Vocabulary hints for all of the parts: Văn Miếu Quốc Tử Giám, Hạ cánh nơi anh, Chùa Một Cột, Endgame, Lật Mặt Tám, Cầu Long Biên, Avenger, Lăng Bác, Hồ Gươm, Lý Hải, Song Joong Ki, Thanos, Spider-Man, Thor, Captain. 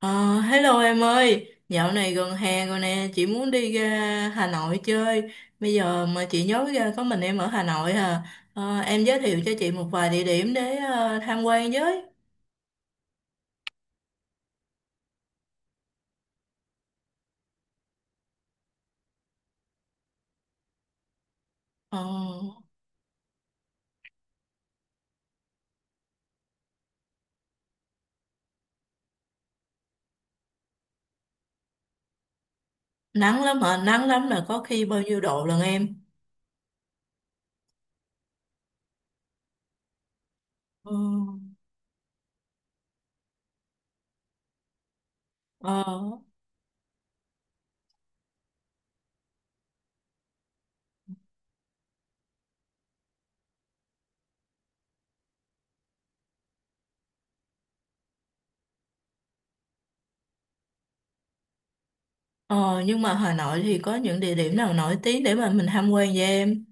Ờ, hello em ơi, dạo này gần hè rồi nè, chị muốn đi ra Hà Nội chơi. Bây giờ mà chị nhớ ra có mình em ở Hà Nội à. Em giới thiệu cho chị một vài địa điểm để tham quan với. Ờ, nắng lắm hả? Nắng lắm là có khi bao nhiêu độ lần em. Ờ, ờ, ờ, nhưng mà Hà Nội thì có những địa điểm nào nổi tiếng để mà mình tham quan với em?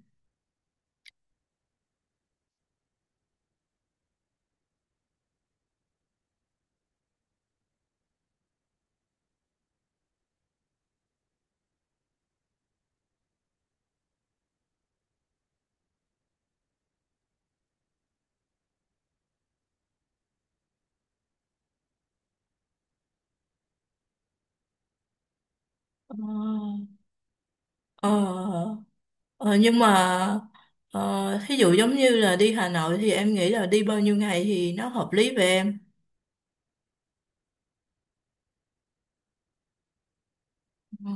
Ờ, ờ. Nhưng mà thí dụ giống như là đi Hà Nội thì em nghĩ là đi bao nhiêu ngày thì nó hợp lý về em. Ừ.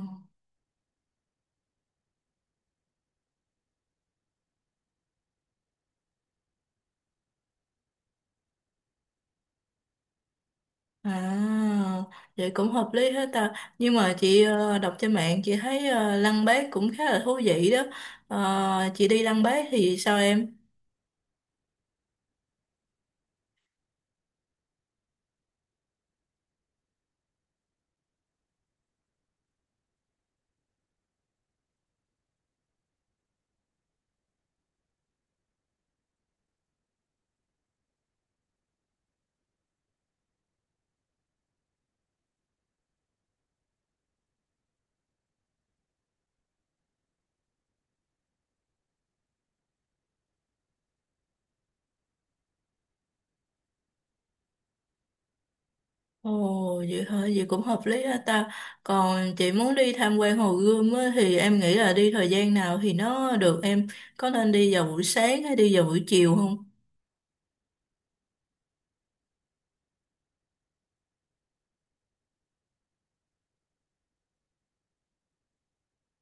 À, vậy cũng hợp lý hết ta. Nhưng mà chị đọc trên mạng chị thấy Lăng Bác cũng khá là thú vị đó. Chị đi Lăng Bác thì sao em? Ồ, vậy hả? Vậy cũng hợp lý hết ta. Còn chị muốn đi tham quan Hồ Gươm á, thì em nghĩ là đi thời gian nào thì nó được em. Có nên đi vào buổi sáng hay đi vào buổi chiều không?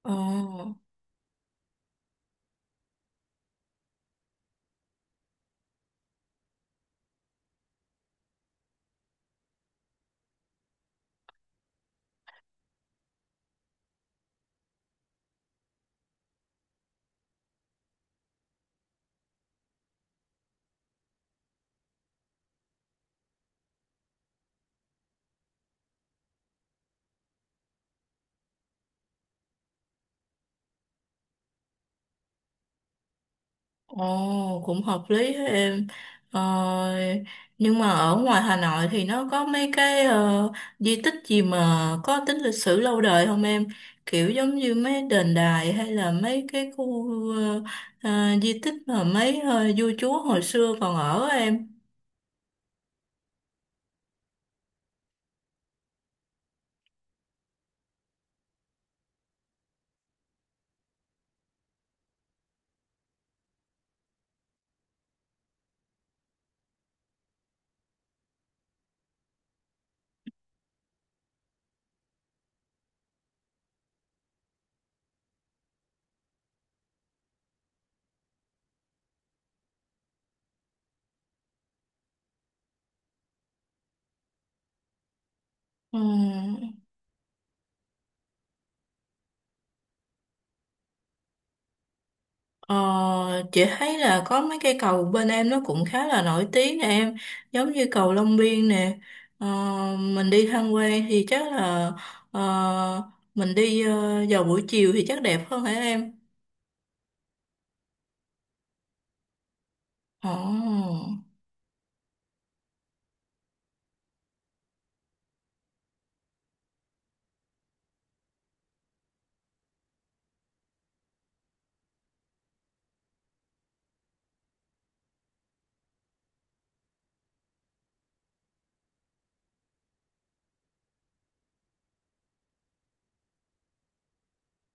Ồ. Ồ, cũng hợp lý thế em. Ờ, nhưng mà ở ngoài Hà Nội thì nó có mấy cái di tích gì mà có tính lịch sử lâu đời không em? Kiểu giống như mấy đền đài hay là mấy cái khu ờ, ờ, di tích mà mấy vua chúa hồi xưa còn ở á em. Ừ. Ờ, chị thấy là có mấy cây cầu bên em nó cũng khá là nổi tiếng nè em, giống như cầu Long Biên nè. Ờ, mình đi tham quan thì chắc là ờ, mình đi vào buổi chiều thì chắc đẹp hơn hả em. Ồ,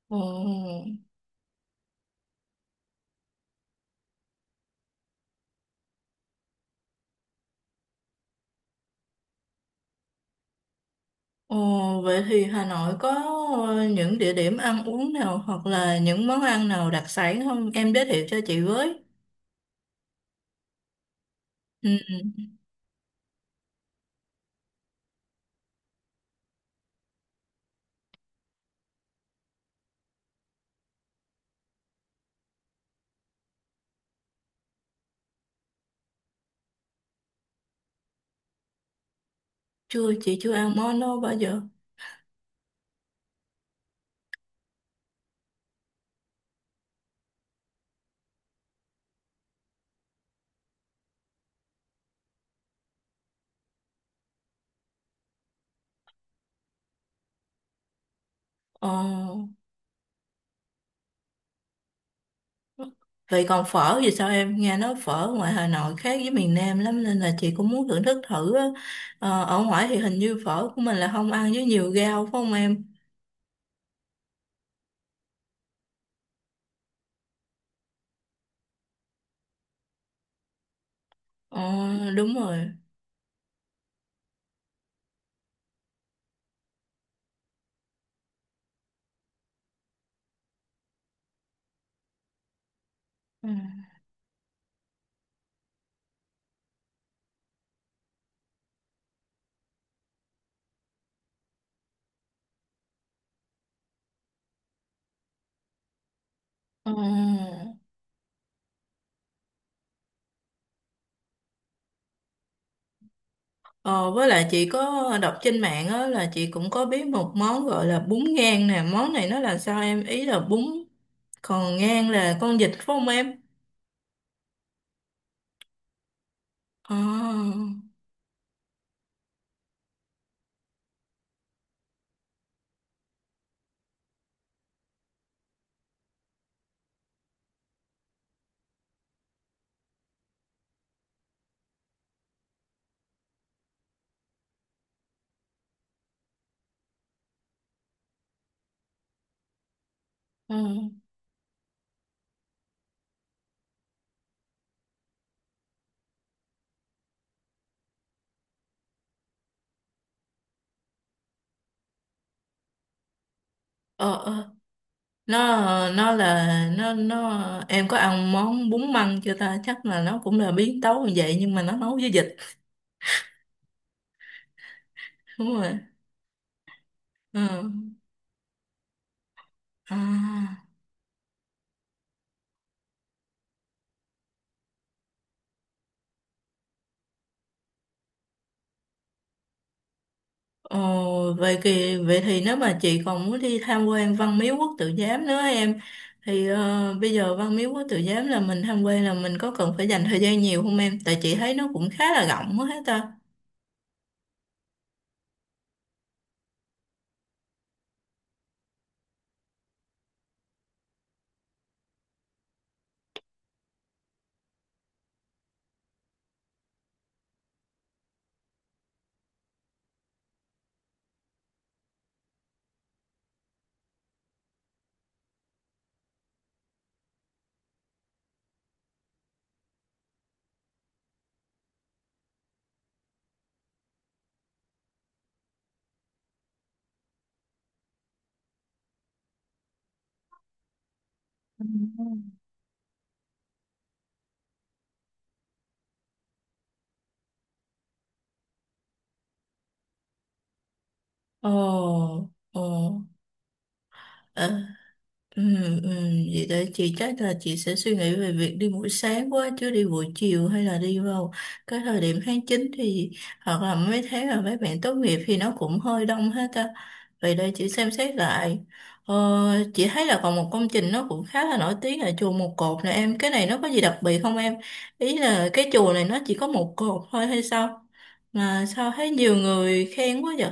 ồ, ồ, vậy thì Hà Nội có những địa điểm ăn uống nào hoặc là những món ăn nào đặc sản không em giới thiệu cho chị với. Ừ, ừ. Chưa, chị chưa ăn món đó bao giờ. Ồ. Vậy còn phở thì sao em? Nghe nói phở ngoài Hà Nội khác với miền Nam lắm nên là chị cũng muốn thưởng thức thử á. Ở ngoài thì hình như phở của mình là không ăn với nhiều rau phải không em? Ờ, Đúng rồi. Ừ. Ờ, Ờ, với lại chị có đọc trên mạng á là chị cũng có biết một món gọi là bún ngan nè. Món này nó là sao em? Ý là bún, còn ngan là con vịt phải không em? Ờ. Ờ. Ờ. ờ, nó nó là nó Em có ăn món bún măng chưa ta? Chắc là nó cũng là biến tấu như vậy, nhưng mà nó nấu với vịt. Đúng rồi. Ừ. À, ồ, vậy thì nếu mà chị còn muốn đi tham quan Văn Miếu Quốc Tử Giám nữa em, thì bây giờ Văn Miếu Quốc Tử Giám là mình tham quan là mình có cần phải dành thời gian nhiều không em, tại chị thấy nó cũng khá là rộng quá hết ta. Ừ. Ồ, ồ. Ờ, ừ, ừ, vậy để chị, chắc là chị sẽ suy nghĩ về việc đi buổi sáng quá chứ đi buổi chiều, hay là đi vào cái thời điểm tháng chín, thì hoặc là mấy tháng là mấy bạn tốt nghiệp thì nó cũng hơi đông hết ta. Vậy đây chị xem xét lại. Ờ, chị thấy là còn một công trình nó cũng khá là nổi tiếng là chùa Một Cột này em. Cái này nó có gì đặc biệt không em? Ý là cái chùa này nó chỉ có một cột thôi hay sao? Mà sao thấy nhiều người khen quá vậy?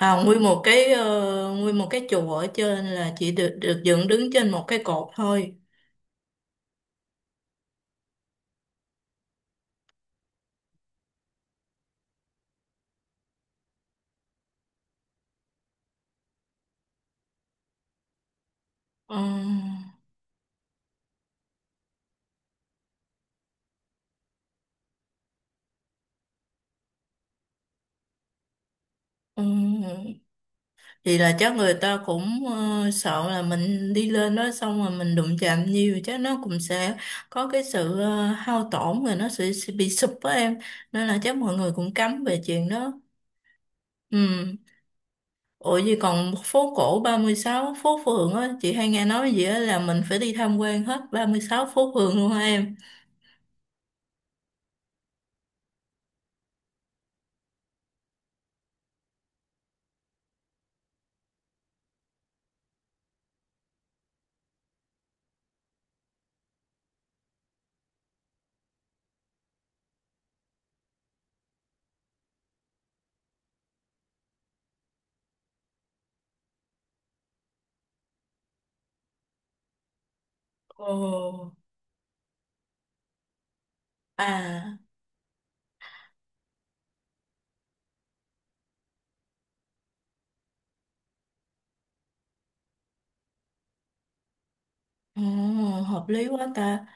À, nguyên một cái chùa ở trên là chỉ được được dựng đứng trên một cái cột thôi. Ờ, ừ. Thì là chắc người ta cũng sợ là mình đi lên đó xong rồi mình đụng chạm nhiều, chắc nó cũng sẽ có cái sự hao tổn rồi nó sẽ bị sụp á em. Nên là chắc mọi người cũng cấm về chuyện đó. Ừ. Ủa gì, còn phố cổ 36 phố phường á, chị hay nghe nói gì á là mình phải đi tham quan hết 36 phố phường luôn hả em? Ồ. À. Ồ, hợp lý quá ta.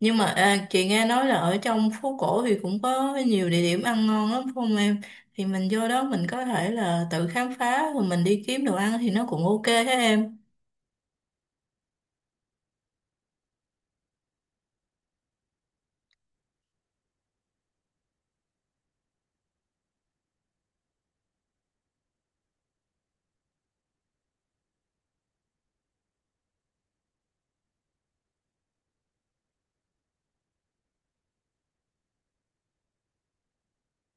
Nhưng mà à, chị nghe nói là ở trong phố cổ thì cũng có nhiều địa điểm ăn ngon lắm phải không em? Thì mình vô đó mình có thể là tự khám phá rồi mình đi kiếm đồ ăn thì nó cũng ok thế em.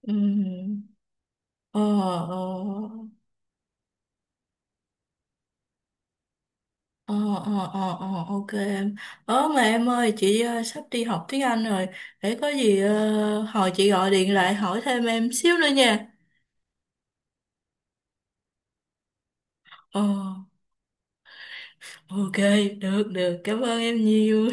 Ừ. Ờ, ờ, ờ, ok em. Mà em ơi, chị sắp đi học tiếng Anh rồi. Để có gì hồi chị gọi điện lại hỏi thêm em xíu nữa nha. Ờ, ok, được, được. Cảm ơn em nhiều.